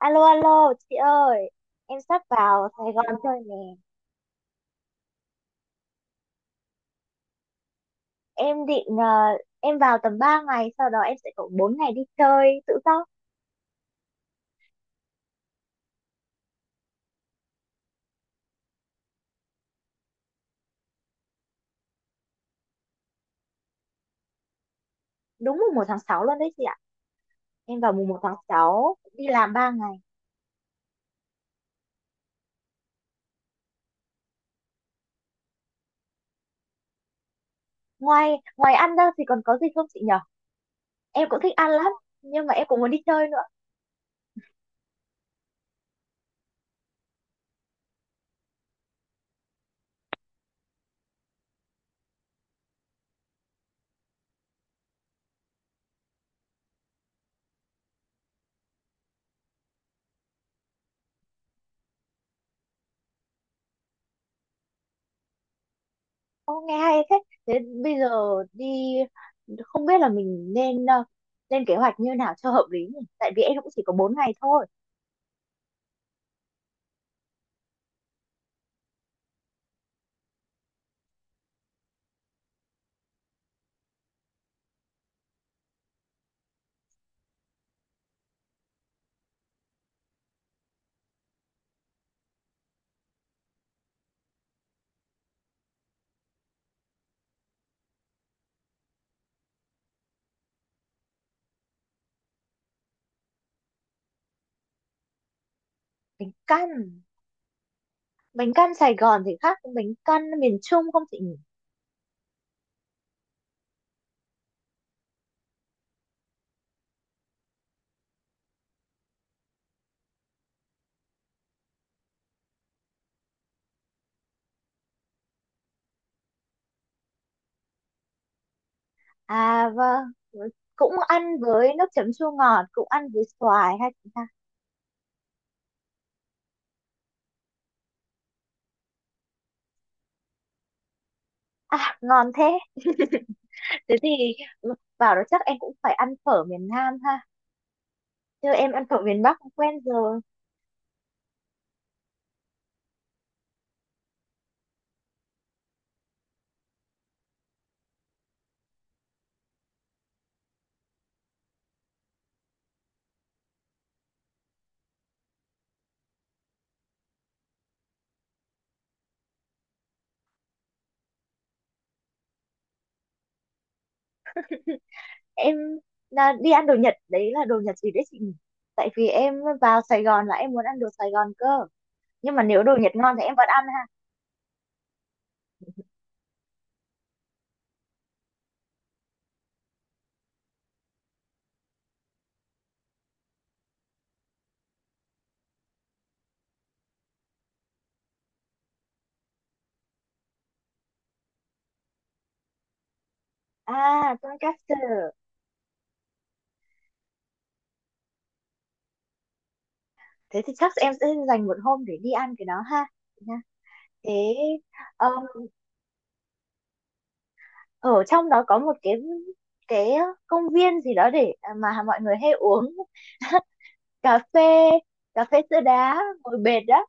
Alo alo chị ơi, em sắp vào Sài Gòn chơi nè. Em em vào tầm 3 ngày, sau đó em sẽ có 4 ngày đi chơi tự do. Đúng mùng 1 tháng 6 luôn đấy chị ạ. Em vào mùng 1 tháng 6, đi làm 3 ngày. Ngoài ngoài ăn ra thì còn có gì không chị nhở? Em cũng thích ăn lắm, nhưng mà em cũng muốn đi chơi nữa. Ô, nghe hay thế. Thế bây giờ đi Không biết là mình nên lên kế hoạch như nào cho hợp lý nhỉ, tại vì em cũng chỉ có 4 ngày thôi. Tính căn Bánh căn Sài Gòn thì khác với bánh căn miền Trung không chị nhỉ? À vâng, cũng ăn với nước chấm chua ngọt, cũng ăn với xoài hay chị ta? À, ngon thế. Thế thì, ừ, vào đó chắc em cũng phải ăn phở miền Nam ha, chứ em ăn phở miền Bắc cũng quen rồi. Em là đi ăn đồ Nhật, đấy là đồ Nhật gì đấy chị nhỉ? Tại vì em vào Sài Gòn là em muốn ăn đồ Sài Gòn cơ, nhưng mà nếu đồ Nhật ngon thì em vẫn ăn ha. À, tonkatsu. Thế thì chắc em sẽ dành một hôm để đi ăn cái đó ha. Thế um, Ở trong đó có một cái công viên gì đó để mà mọi người hay uống cà phê, cà phê sữa đá ngồi bệt đó.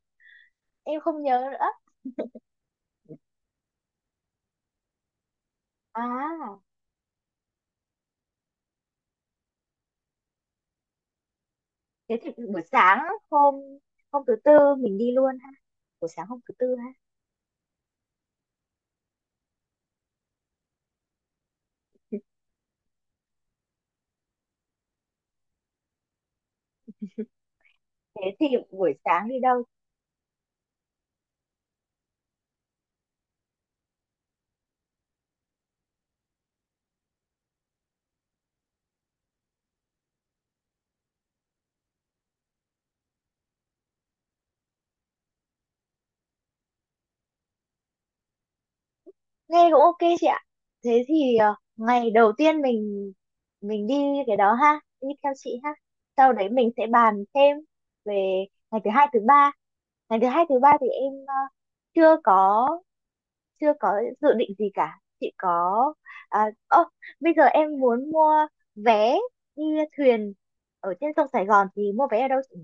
Em không nhớ nữa. À, thế thì buổi sáng, hôm hôm thứ tư mình đi luôn ha? Buổi sáng hôm thứ tư ha? Thế thì buổi sáng đi đâu? Nghe cũng ok chị ạ. Thế thì ngày đầu tiên mình đi cái đó ha, đi theo chị ha, sau đấy mình sẽ bàn thêm về ngày thứ hai thứ ba. Ngày thứ hai thứ ba thì em chưa có chưa có dự định gì cả chị có. à, ơ, Bây giờ em muốn mua vé đi thuyền ở trên sông Sài Gòn, thì mua vé ở đâu chị?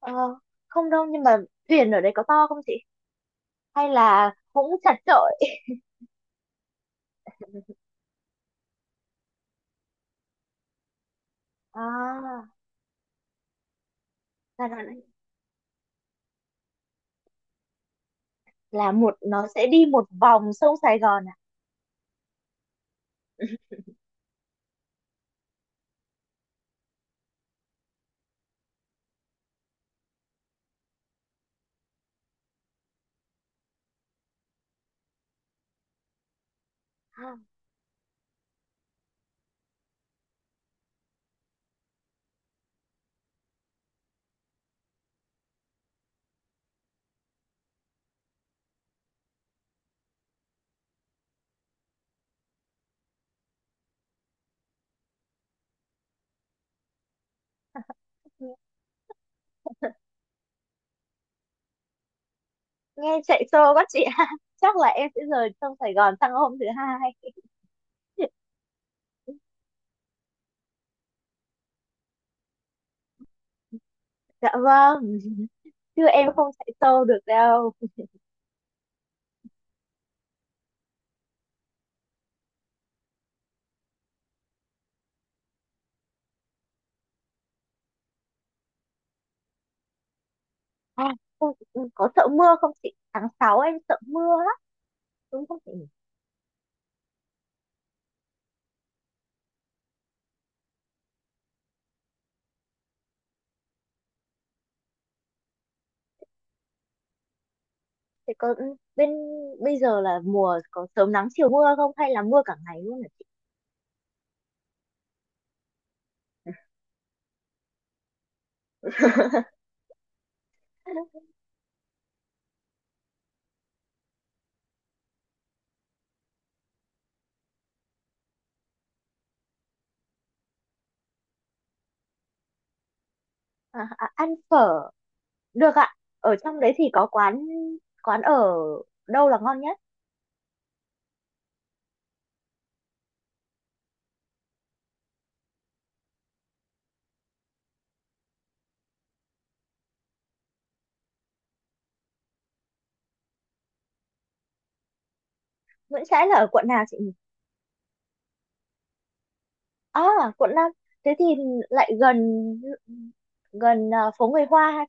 Ờ, không đâu, nhưng mà thuyền ở đấy có to không chị, hay là cũng chặt chội? à, là, là, là một, nó sẽ đi một vòng sông Sài Gòn à? Nghe chạy xô quá chị ha, chắc là em sẽ rời sông Sài Gòn sang hôm thứ hai. Dạ vâng, chứ em không chạy xô được đâu. à, Không, có sợ mưa không chị, tháng 6 em sợ mưa lắm, đúng không chị? Thì có, ừ, bây giờ là mùa có sớm nắng chiều mưa không, hay là mưa cả ngày luôn hả chị? Ăn phở được ạ. Ở trong đấy thì có quán quán ở đâu là ngon nhất? Nguyễn Trãi là ở quận nào chị nhỉ? À, quận 5. Thế thì lại gần, phố người Hoa ha.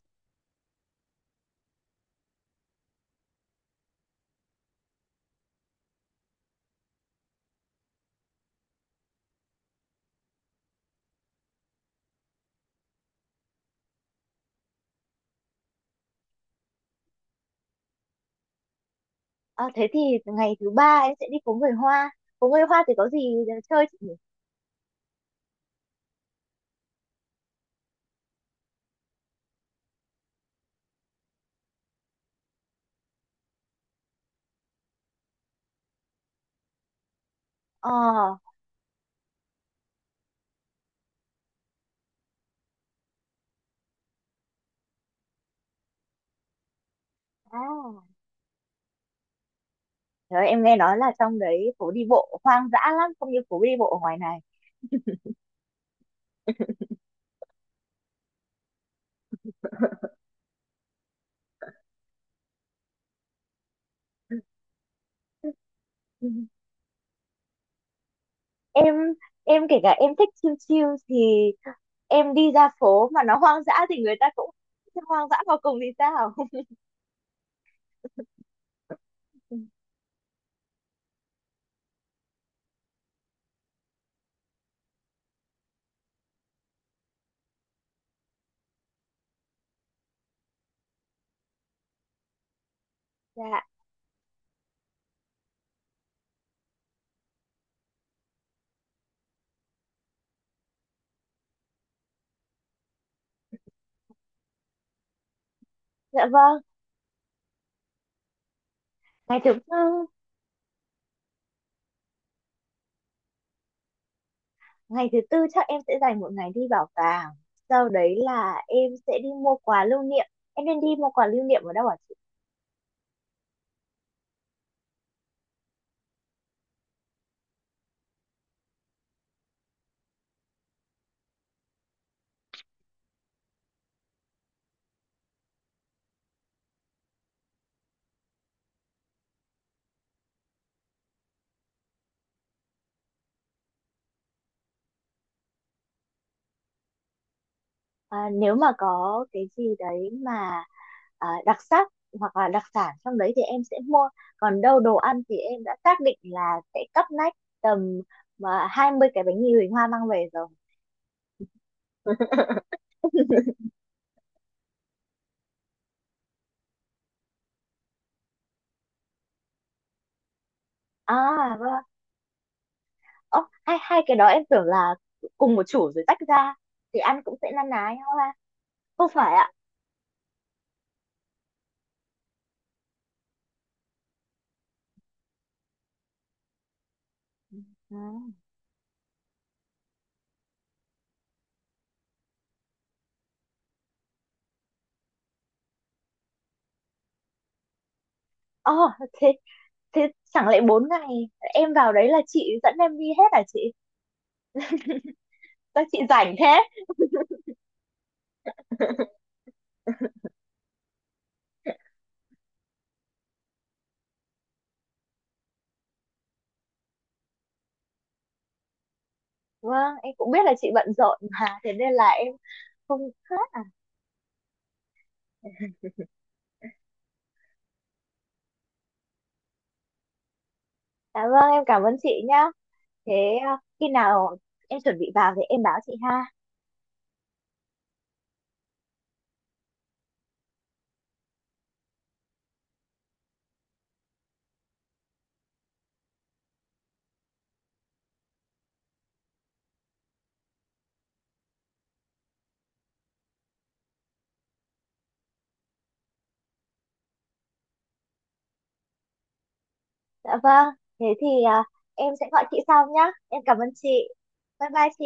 À, thế thì ngày thứ ba em sẽ đi phố người Hoa. Phố người Hoa thì có gì để chơi chị nhỉ? Ờ, à, Trời ơi, em nghe nói là trong đấy phố đi bộ hoang dã lắm, không như phố đi bộ ở ngoài này. Em em kể cả em thích chill chill thì em đi ra phố mà nó hoang dã thì người ta cũng hoang dã vào cùng thì sao? Dạ, dạ vâng. Ngày thứ tư Ngày thứ tư chắc em sẽ dành một ngày đi bảo tàng, sau đấy là em sẽ đi mua quà lưu niệm. Em nên đi mua quà lưu niệm ở đâu ạ chị? À, nếu mà có cái gì đấy mà đặc sắc hoặc là đặc sản trong đấy thì em sẽ mua, còn đâu đồ ăn thì em đã xác định là sẽ cắp nách tầm mà 20 cái bánh mì Huỳnh Hoa mang về rồi. À vâng. Ồ, hai hai cái đó em tưởng là cùng một chủ rồi tách ra thì ăn cũng sẽ na ná nhau ha, không phải ạ? À, ờ, thế, thế chẳng lẽ 4 ngày em vào đấy là chị dẫn em đi hết à chị? Sao chị rảnh thế? Vâng, em cũng biết là chị bận rộn mà, thế nên là em không hết. Dạ vâng, em cảm ơn chị nhá. Thế, à, khi nào em chuẩn bị vào thì em báo chị ha. Dạ vâng, thế thì à, em sẽ gọi chị sau nhá. Em cảm ơn chị. Bye bye chị.